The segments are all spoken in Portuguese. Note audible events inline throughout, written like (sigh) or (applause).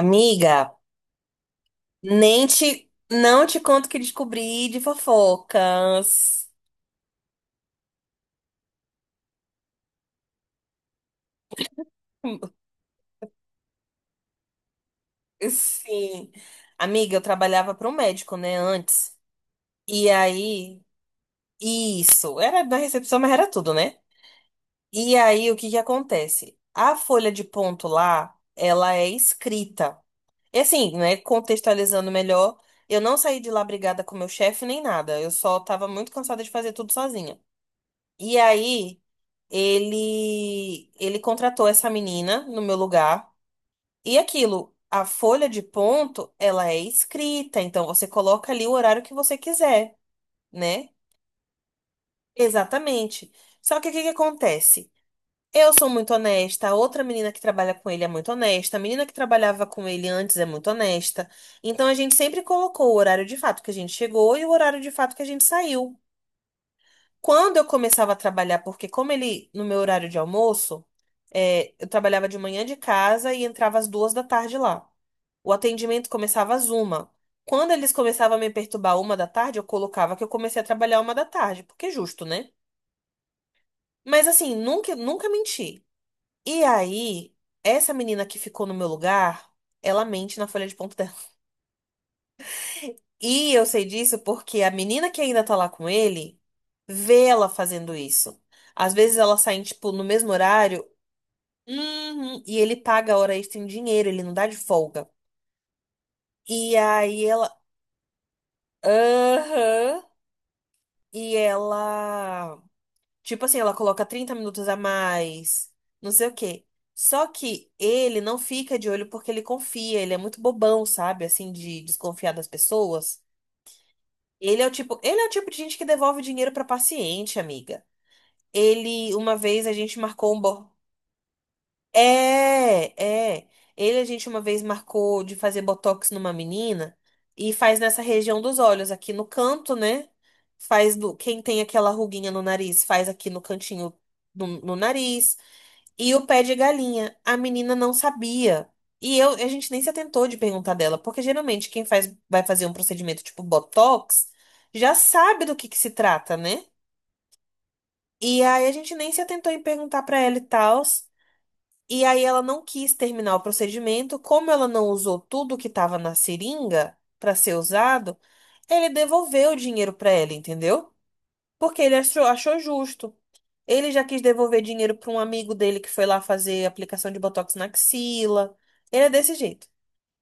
Amiga, nem te, não te conto o que descobri de fofocas. Sim. Amiga, eu trabalhava para um médico, né, antes. E aí, isso, era da recepção, mas era tudo, né? E aí, o que que acontece? A folha de ponto lá, ela é escrita. E assim, né, contextualizando melhor, eu não saí de lá brigada com meu chefe nem nada. Eu só tava muito cansada de fazer tudo sozinha. E aí, ele contratou essa menina no meu lugar. E aquilo, a folha de ponto, ela é escrita, então você coloca ali o horário que você quiser, né? Exatamente. Só que o que que acontece? Eu sou muito honesta, a outra menina que trabalha com ele é muito honesta, a menina que trabalhava com ele antes é muito honesta. Então a gente sempre colocou o horário de fato que a gente chegou e o horário de fato que a gente saiu. Quando eu começava a trabalhar, porque como ele, no meu horário de almoço, eu trabalhava de manhã de casa e entrava às duas da tarde lá. O atendimento começava às uma. Quando eles começavam a me perturbar uma da tarde, eu colocava que eu comecei a trabalhar uma da tarde, porque é justo, né? Mas assim, nunca, nunca menti. E aí, essa menina que ficou no meu lugar, ela mente na folha de ponto dela. (laughs) E eu sei disso porque a menina que ainda tá lá com ele vê ela fazendo isso. Às vezes elas saem, tipo, no mesmo horário. Uhum. E ele paga a hora extra em dinheiro, ele não dá de folga. E aí ela. Aham. E ela. Tipo assim, ela coloca 30 minutos a mais, não sei o quê. Só que ele não fica de olho porque ele confia, ele é muito bobão, sabe? Assim, de desconfiar das pessoas. Ele é o tipo, ele é o tipo de gente que devolve dinheiro pra paciente, amiga. Ele, uma vez a gente marcou um bordo. É, é. Ele, a gente uma vez marcou de fazer botox numa menina e faz nessa região dos olhos, aqui no canto, né? Faz do, quem tem aquela ruguinha no nariz, faz aqui no cantinho no nariz. E o pé de galinha. A menina não sabia. E eu, a gente nem se atentou de perguntar dela, porque geralmente quem faz, vai fazer um procedimento tipo botox já sabe do que se trata, né? E aí a gente nem se atentou em perguntar pra ela e tal. E aí ela não quis terminar o procedimento, como ela não usou tudo que estava na seringa para ser usado, ele devolveu o dinheiro para ela, entendeu? Porque ele achou, achou justo. Ele já quis devolver dinheiro para um amigo dele que foi lá fazer aplicação de botox na axila. Ele é desse jeito.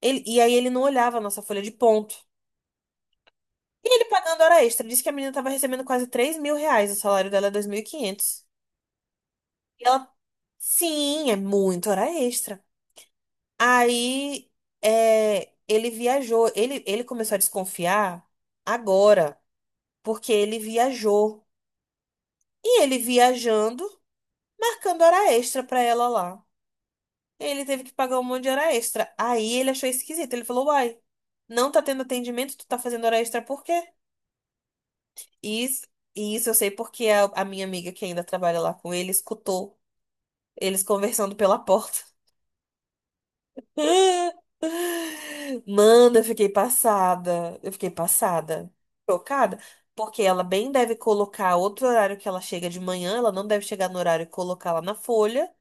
E aí ele não olhava a nossa folha de ponto. E ele pagando hora extra. Disse que a menina estava recebendo quase 3 mil reais. O salário dela é 2.500. E quinhentos. E ela, sim, é muito hora extra. Aí ele viajou. Ele começou a desconfiar agora, porque ele viajou. E ele viajando, marcando hora extra pra ela lá. Ele teve que pagar um monte de hora extra. Aí ele achou esquisito. Ele falou: Uai, não tá tendo atendimento, tu tá fazendo hora extra por quê? E isso, e isso eu sei porque a minha amiga que ainda trabalha lá com ele escutou eles conversando pela (laughs) porta. (laughs) Mano, eu fiquei passada. Eu fiquei passada. Chocada. Porque ela bem deve colocar outro horário que ela chega de manhã. Ela não deve chegar no horário e colocar lá na folha.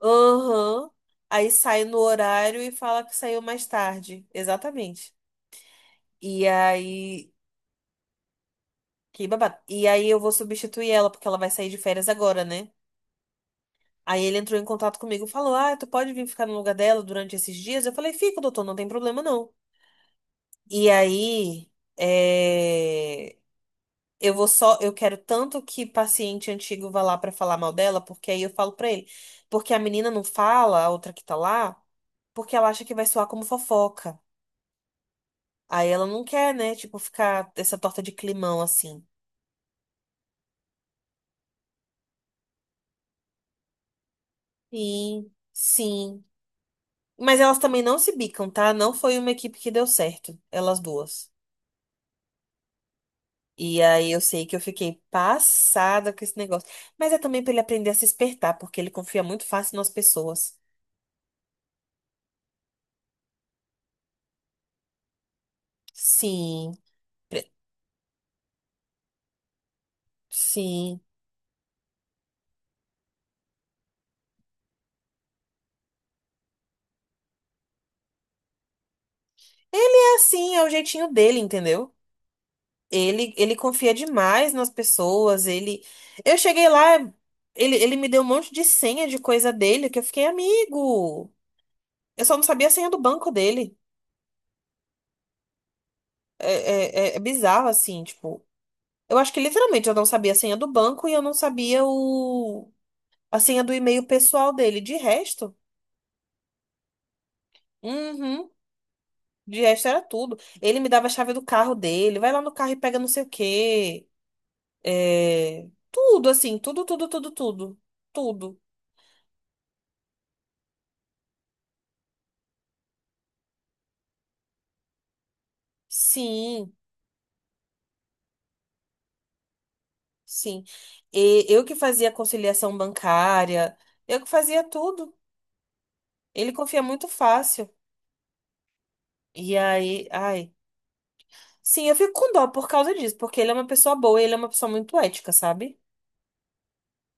Aham. Aí sai no horário e fala que saiu mais tarde. Exatamente. E aí. Que babado. E aí eu vou substituir ela, porque ela vai sair de férias agora, né? Aí ele entrou em contato comigo e falou: Ah, tu pode vir ficar no lugar dela durante esses dias? Eu falei: Fico, doutor, não tem problema não. E aí, é, eu vou só, eu quero tanto que paciente antigo vá lá pra falar mal dela, porque aí eu falo pra ele, porque a menina não fala, a outra que tá lá, porque ela acha que vai soar como fofoca. Aí ela não quer, né, tipo, ficar essa torta de climão assim. Sim, sim. Mas elas também não se bicam, tá? Não foi uma equipe que deu certo, elas duas. E aí eu sei que eu fiquei passada com esse negócio. Mas é também pra ele aprender a se espertar, porque ele confia muito fácil nas pessoas. Sim, pre- sim. Ele é assim, é o jeitinho dele, entendeu? Ele confia demais nas pessoas, ele... Eu cheguei lá, ele me deu um monte de senha de coisa dele, que eu fiquei amigo. Eu só não sabia a senha do banco dele. É, é, é bizarro, assim, tipo... Eu acho que literalmente eu não sabia a senha do banco e eu não sabia o... a senha do e-mail pessoal dele. De resto, uhum, de resto era tudo. Ele me dava a chave do carro dele, vai lá no carro e pega não sei o quê. É, tudo, assim, tudo, tudo, tudo, tudo. Tudo. Sim, sim. E eu que fazia conciliação bancária, eu que fazia tudo. Ele confia muito fácil. E aí, ai. Sim, eu fico com dó por causa disso, porque ele é uma pessoa boa, e ele é uma pessoa muito ética, sabe?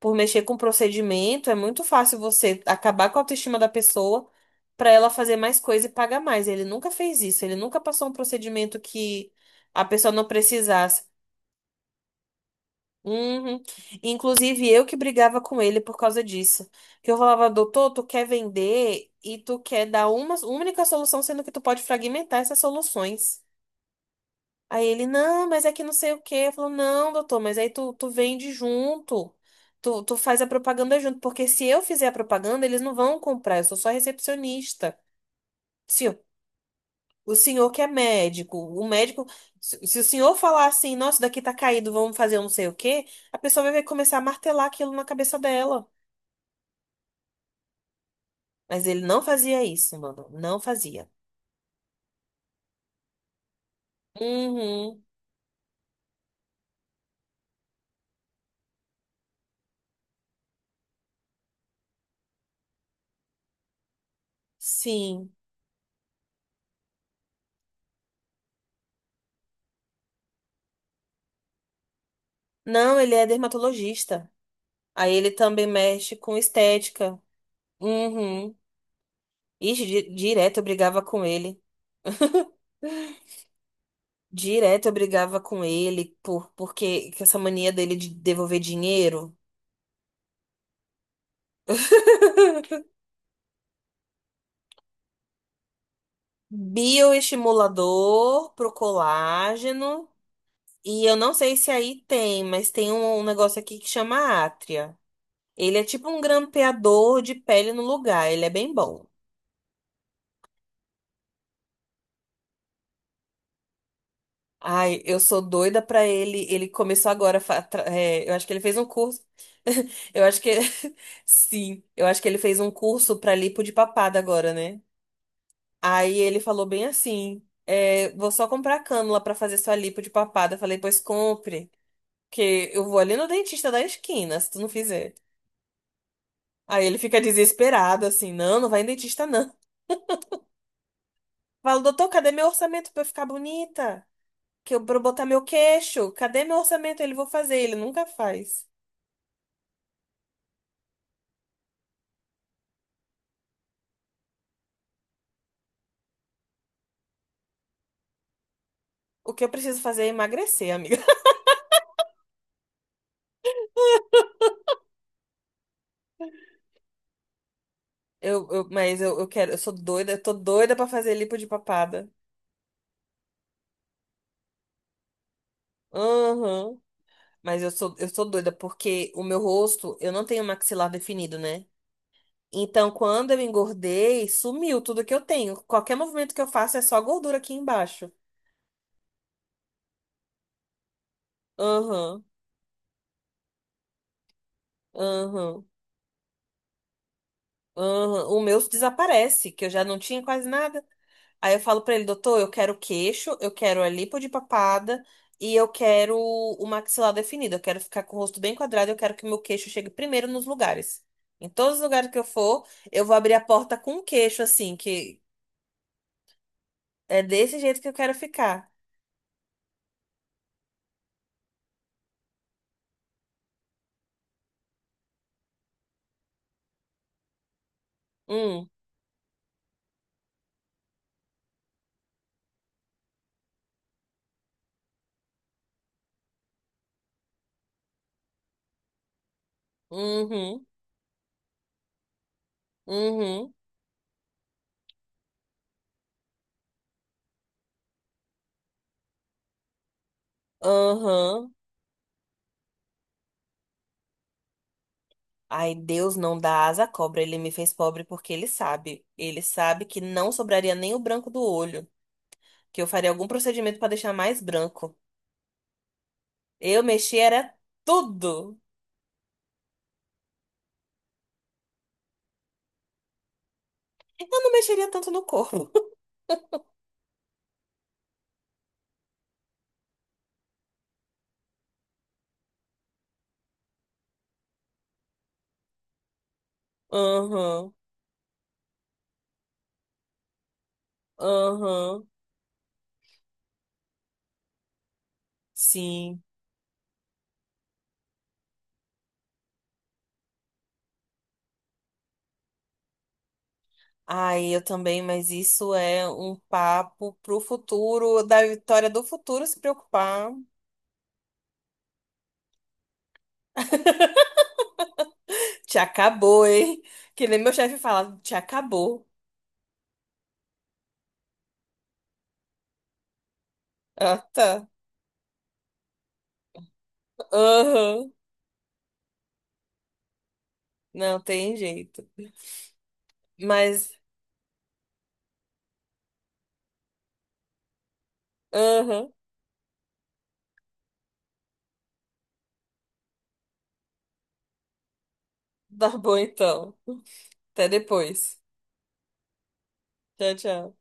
Por mexer com procedimento, é muito fácil você acabar com a autoestima da pessoa pra ela fazer mais coisa e pagar mais. Ele nunca fez isso, ele nunca passou um procedimento que a pessoa não precisasse. Uhum. Inclusive, eu que brigava com ele por causa disso. Que eu falava, doutor, tu quer vender e tu quer dar uma única solução, sendo que tu pode fragmentar essas soluções. Aí ele, não, mas é que não sei o quê. Eu falo, não, doutor, mas aí tu, tu vende junto. Tu, tu faz a propaganda junto. Porque se eu fizer a propaganda, eles não vão comprar. Eu sou só recepcionista. O senhor que é médico, o médico, se o senhor falar assim, nossa, daqui tá caído, vamos fazer um não sei o quê, a pessoa vai começar a martelar aquilo na cabeça dela. Mas ele não fazia isso, mano, não fazia. Uhum, sim. Não, ele é dermatologista. Aí ele também mexe com estética. Uhum. Ixi, direto eu brigava com ele. Direto eu brigava com ele porque que essa mania dele de devolver dinheiro. (laughs) Bioestimulador pro colágeno. E eu não sei se aí tem, mas tem um, um negócio aqui que chama átria. Ele é tipo um grampeador de pele no lugar. Ele é bem bom. Ai, eu sou doida pra ele. Ele começou agora. A fa- tra- é, Eu acho que ele fez um curso. (laughs) Eu acho que. (laughs) Sim, eu acho que ele fez um curso pra lipo de papada agora, né? Aí ele falou bem assim: é, vou só comprar cânula pra fazer sua lipo de papada. Eu falei, pois compre. Porque eu vou ali no dentista da esquina, se tu não fizer. Aí ele fica desesperado, assim, não, não vai em dentista, não. Falo, doutor, cadê meu orçamento pra eu ficar bonita? Que eu, pra eu botar meu queixo? Cadê meu orçamento? Ele, vou fazer. Ele nunca faz. O que eu preciso fazer é emagrecer, amiga. (laughs) Eu, mas eu quero, eu sou doida, eu tô doida pra fazer lipo de papada. Aham. Mas eu sou doida porque o meu rosto, eu não tenho maxilar definido, né? Então, quando eu engordei, sumiu tudo que eu tenho. Qualquer movimento que eu faço é só gordura aqui embaixo. Aham, aham, aham. O meu desaparece, que eu já não tinha quase nada. Aí eu falo pra ele, doutor, eu quero queixo, eu quero a lipo de papada e eu quero o maxilar definido. Eu quero ficar com o rosto bem quadrado, eu quero que o meu queixo chegue primeiro nos lugares. Em todos os lugares que eu for, eu vou abrir a porta com o queixo, assim, que é desse jeito que eu quero ficar. Hum, uhum, uhum. Aham. Ai, Deus não dá asa à cobra. Ele me fez pobre porque ele sabe. Ele sabe que não sobraria nem o branco do olho. Que eu faria algum procedimento pra deixar mais branco. Eu mexi era tudo. Eu não mexeria tanto no corpo. (laughs) Aham. Aham. Sim. Ai, eu também, mas isso é um papo pro futuro, da Vitória do futuro se preocupar. Te acabou, hein? Que nem meu chefe fala, te acabou. Ah, tá. Aham. Não tem jeito. Mas, aham, (laughs) tá bom então. Até depois. Tchau, tchau.